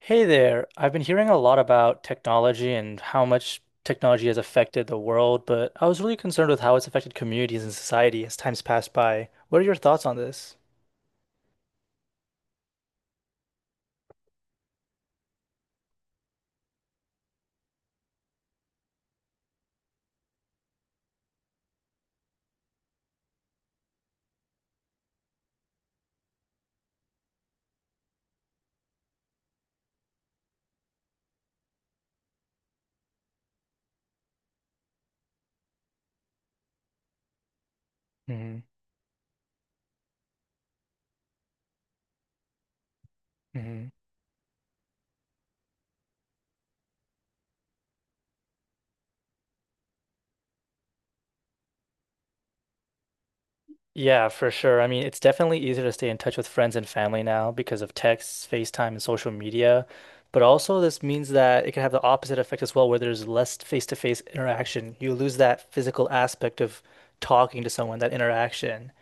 Hey there. I've been hearing a lot about technology and how much technology has affected the world, but I was really concerned with how it's affected communities and society as time's passed by. What are your thoughts on this? Hmm. Hmm. Yeah, for sure. I mean, it's definitely easier to stay in touch with friends and family now because of texts, FaceTime, and social media. But also, this means that it can have the opposite effect as well, where there's less face-to-face interaction. You lose that physical aspect of talking to someone, that interaction.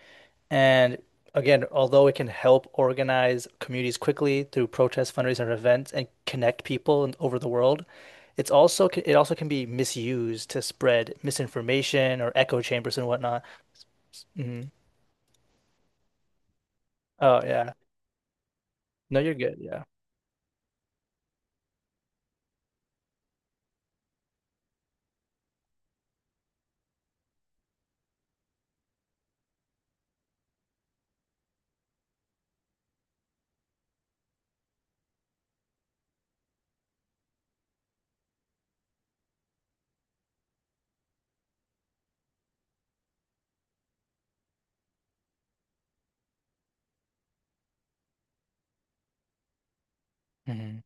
And again, although it can help organize communities quickly through protests, fundraising, and events and connect people over the world, it also can be misused to spread misinformation or echo chambers and whatnot. Hmm. Oh yeah. No, you're good. Yeah. Hmm.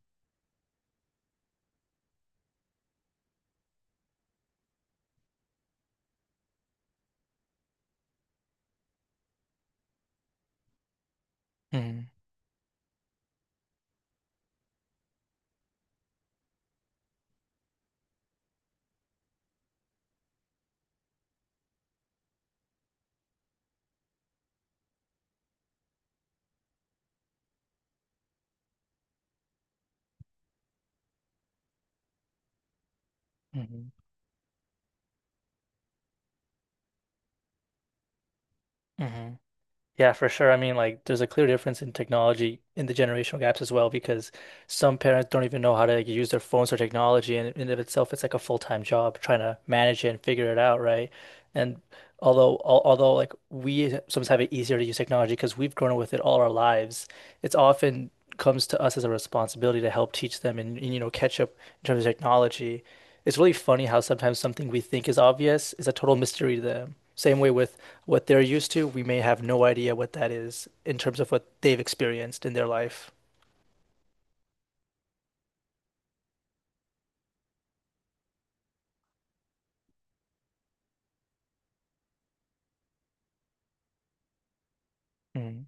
Hmm. Hmm. Hmm. Yeah, for sure. I mean, like, there's a clear difference in technology in the generational gaps as well, because some parents don't even know how to like, use their phones or technology, and in and of itself, it's like a full-time job trying to manage it and figure it out, right? And although like we sometimes have it easier to use technology because we've grown up with it all our lives, it's often comes to us as a responsibility to help teach them and you know catch up in terms of technology. It's really funny how sometimes something we think is obvious is a total mystery to them. Same way with what they're used to, we may have no idea what that is in terms of what they've experienced in their life. Mm.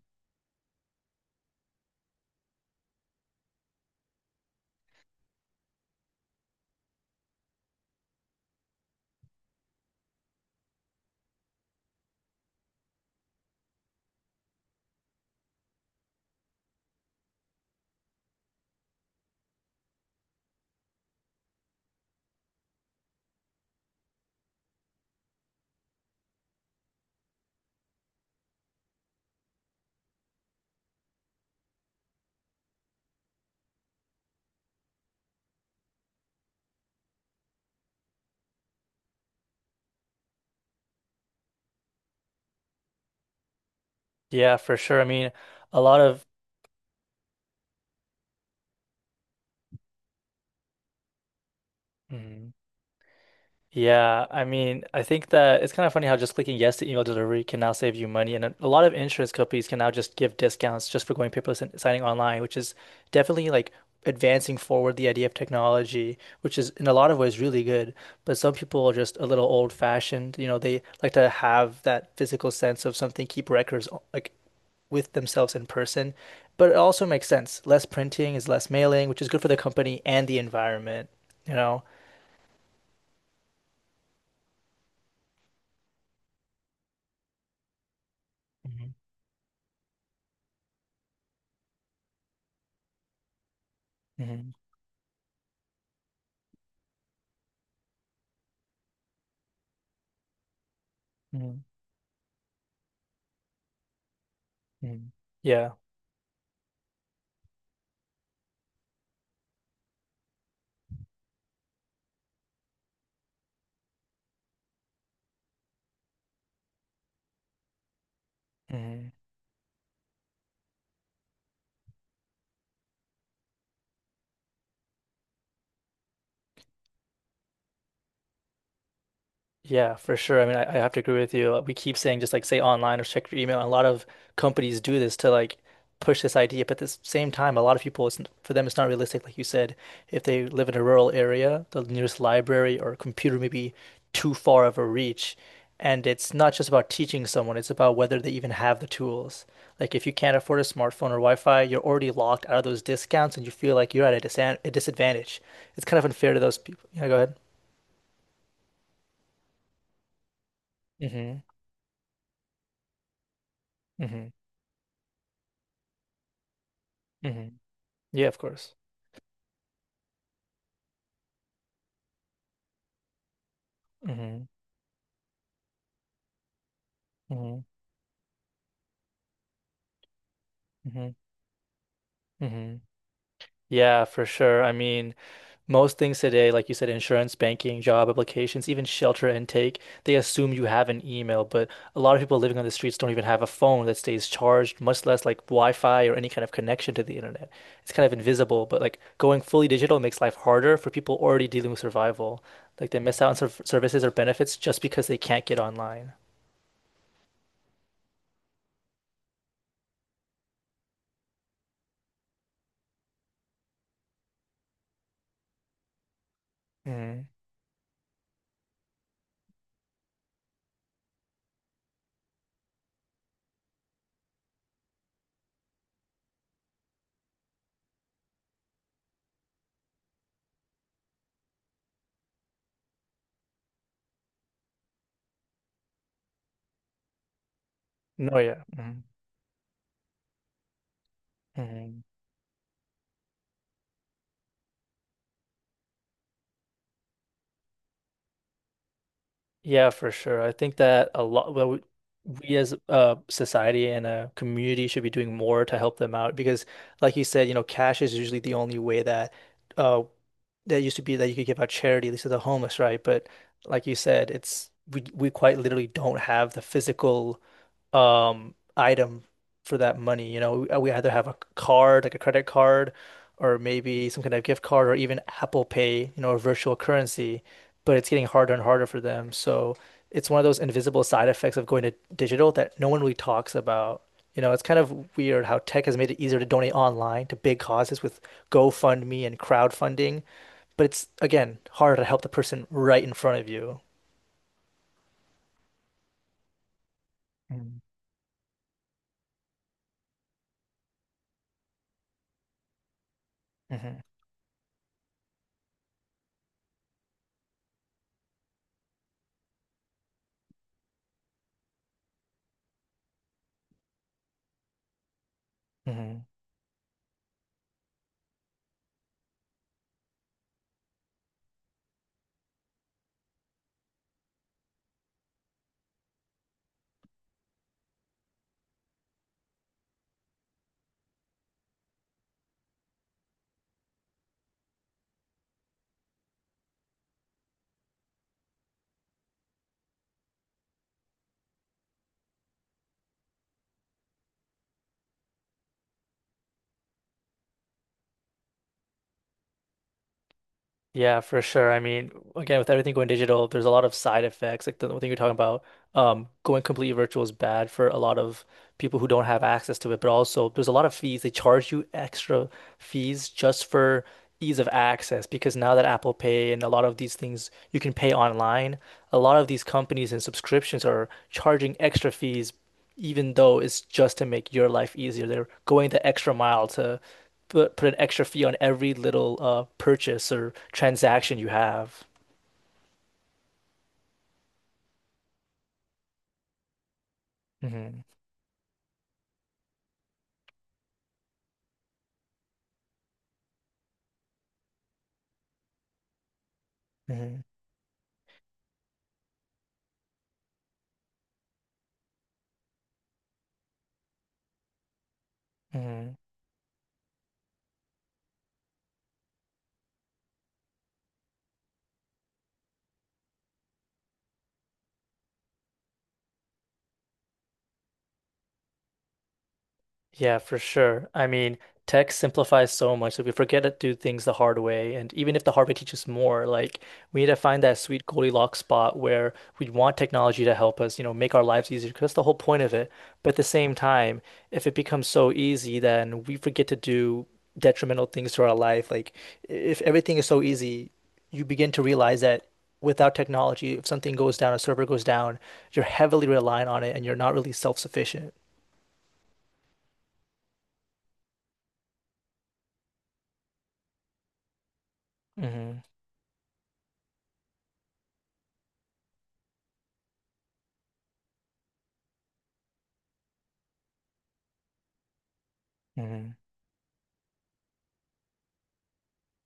Yeah, for sure. I mean, a lot of. Mhm. Yeah, I mean, I think that it's kind of funny how just clicking yes to email delivery can now save you money, and a lot of insurance companies can now just give discounts just for going paperless and signing online, which is definitely like advancing forward the idea of technology, which is in a lot of ways really good. But some people are just a little old-fashioned, you know, they like to have that physical sense of something, keep like with themselves in person. But it also makes sense. Less printing is less mailing, which is good for the company and the environment, you know? Mhm. Mhm. Mhm. Mm. Yeah. Mm. Yeah, for sure. I mean, I have to agree with you. We keep saying just like say online or check your email. A lot of companies do this to like push this idea, but at the same time, a lot of people, it's, for them, it's not realistic. Like you said, if they live in a rural area, the nearest library or computer may be too far of a reach. And it's not just about teaching someone, it's about whether they even have the tools. Like if you can't afford a smartphone or Wi-Fi, you're already locked out of those discounts and you feel like you're at a disadvantage. It's kind of unfair to those people. Yeah, go ahead. Mm-hmm. Mm-hmm. Hmm. Yeah, of course. Mm-hmm. Mm-hmm. Mm-hmm. Hmm. Yeah, for sure. I mean, most things today, like you said, insurance, banking, job applications, even shelter intake, they assume you have an email, but a lot of people living on the streets don't even have a phone that stays charged, much less like Wi-Fi or any kind of connection to the internet. It's kind of invisible, but like going fully digital makes life harder for people already dealing with survival. Like they miss out on services or benefits just because they can't get online. Mm. No, yeah. Mm-hmm. Yeah, for sure. I think that a lot, well, we as a society and a community should be doing more to help them out because, like you said, you know, cash is usually the only way that, uh, that used to be that you could give out charity, at least to the homeless, right? But like you said, it's we quite literally don't have the physical item for that money. You know, we either have a card, like a credit card, or maybe some kind of gift card, or even Apple Pay, you know, a virtual currency. But it's getting harder and harder for them. So it's one of those invisible side effects of going to digital that no one really talks about. You know, it's kind of weird how tech has made it easier to donate online to big causes with GoFundMe and crowdfunding, but it's again harder to help the person right in front of you. Mm-hmm. Mm-hmm. Yeah, for sure. I mean, again, with everything going digital, there's a lot of side effects. Like the thing you're talking about, going completely virtual is bad for a lot of people who don't have access to it, but also there's a lot of fees. They charge you extra fees just for ease of access because now that Apple Pay and a lot of these things you can pay online, a lot of these companies and subscriptions are charging extra fees, even though it's just to make your life easier. They're going the extra mile to put an extra fee on every little purchase or transaction you have. Hmm. Hmm. Hmm. Yeah, for sure. I mean, tech simplifies so much that we forget to do things the hard way. And even if the hard way teaches more, like we need to find that sweet Goldilocks spot where we want technology to help us, you know, make our lives easier, because that's the whole point of it. But at the same time, if it becomes so easy, then we forget to do detrimental things to our life. Like if everything is so easy, you begin to realize that without technology, if something goes down, a server goes down, you're heavily reliant on it and you're not really self-sufficient. Hmm. Hmm.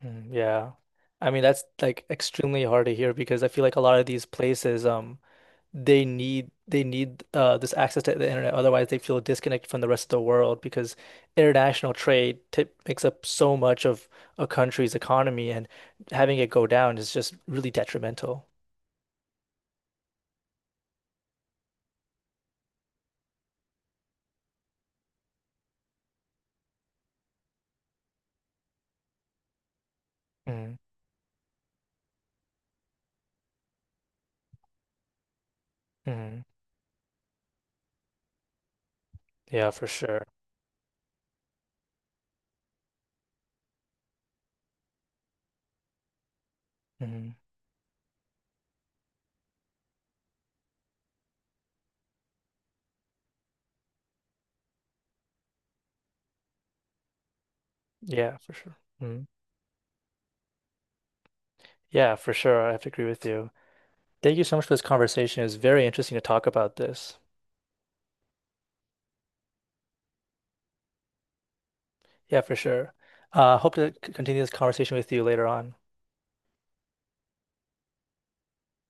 Mm, yeah. I mean, that's like extremely hard to hear because I feel like a lot of these places, they need this access to the internet. Otherwise, they feel disconnected from the rest of the world because international trade t makes up so much of a country's economy, and having it go down is just really detrimental. Mm, mm, yeah, for sure. Mm, yeah, for sure. Mm, yeah, for sure. I have to agree with you. Thank you so much for this conversation. It was very interesting to talk about this. Yeah, for sure. Hope to continue this conversation with you later on.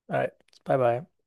All right. Bye bye.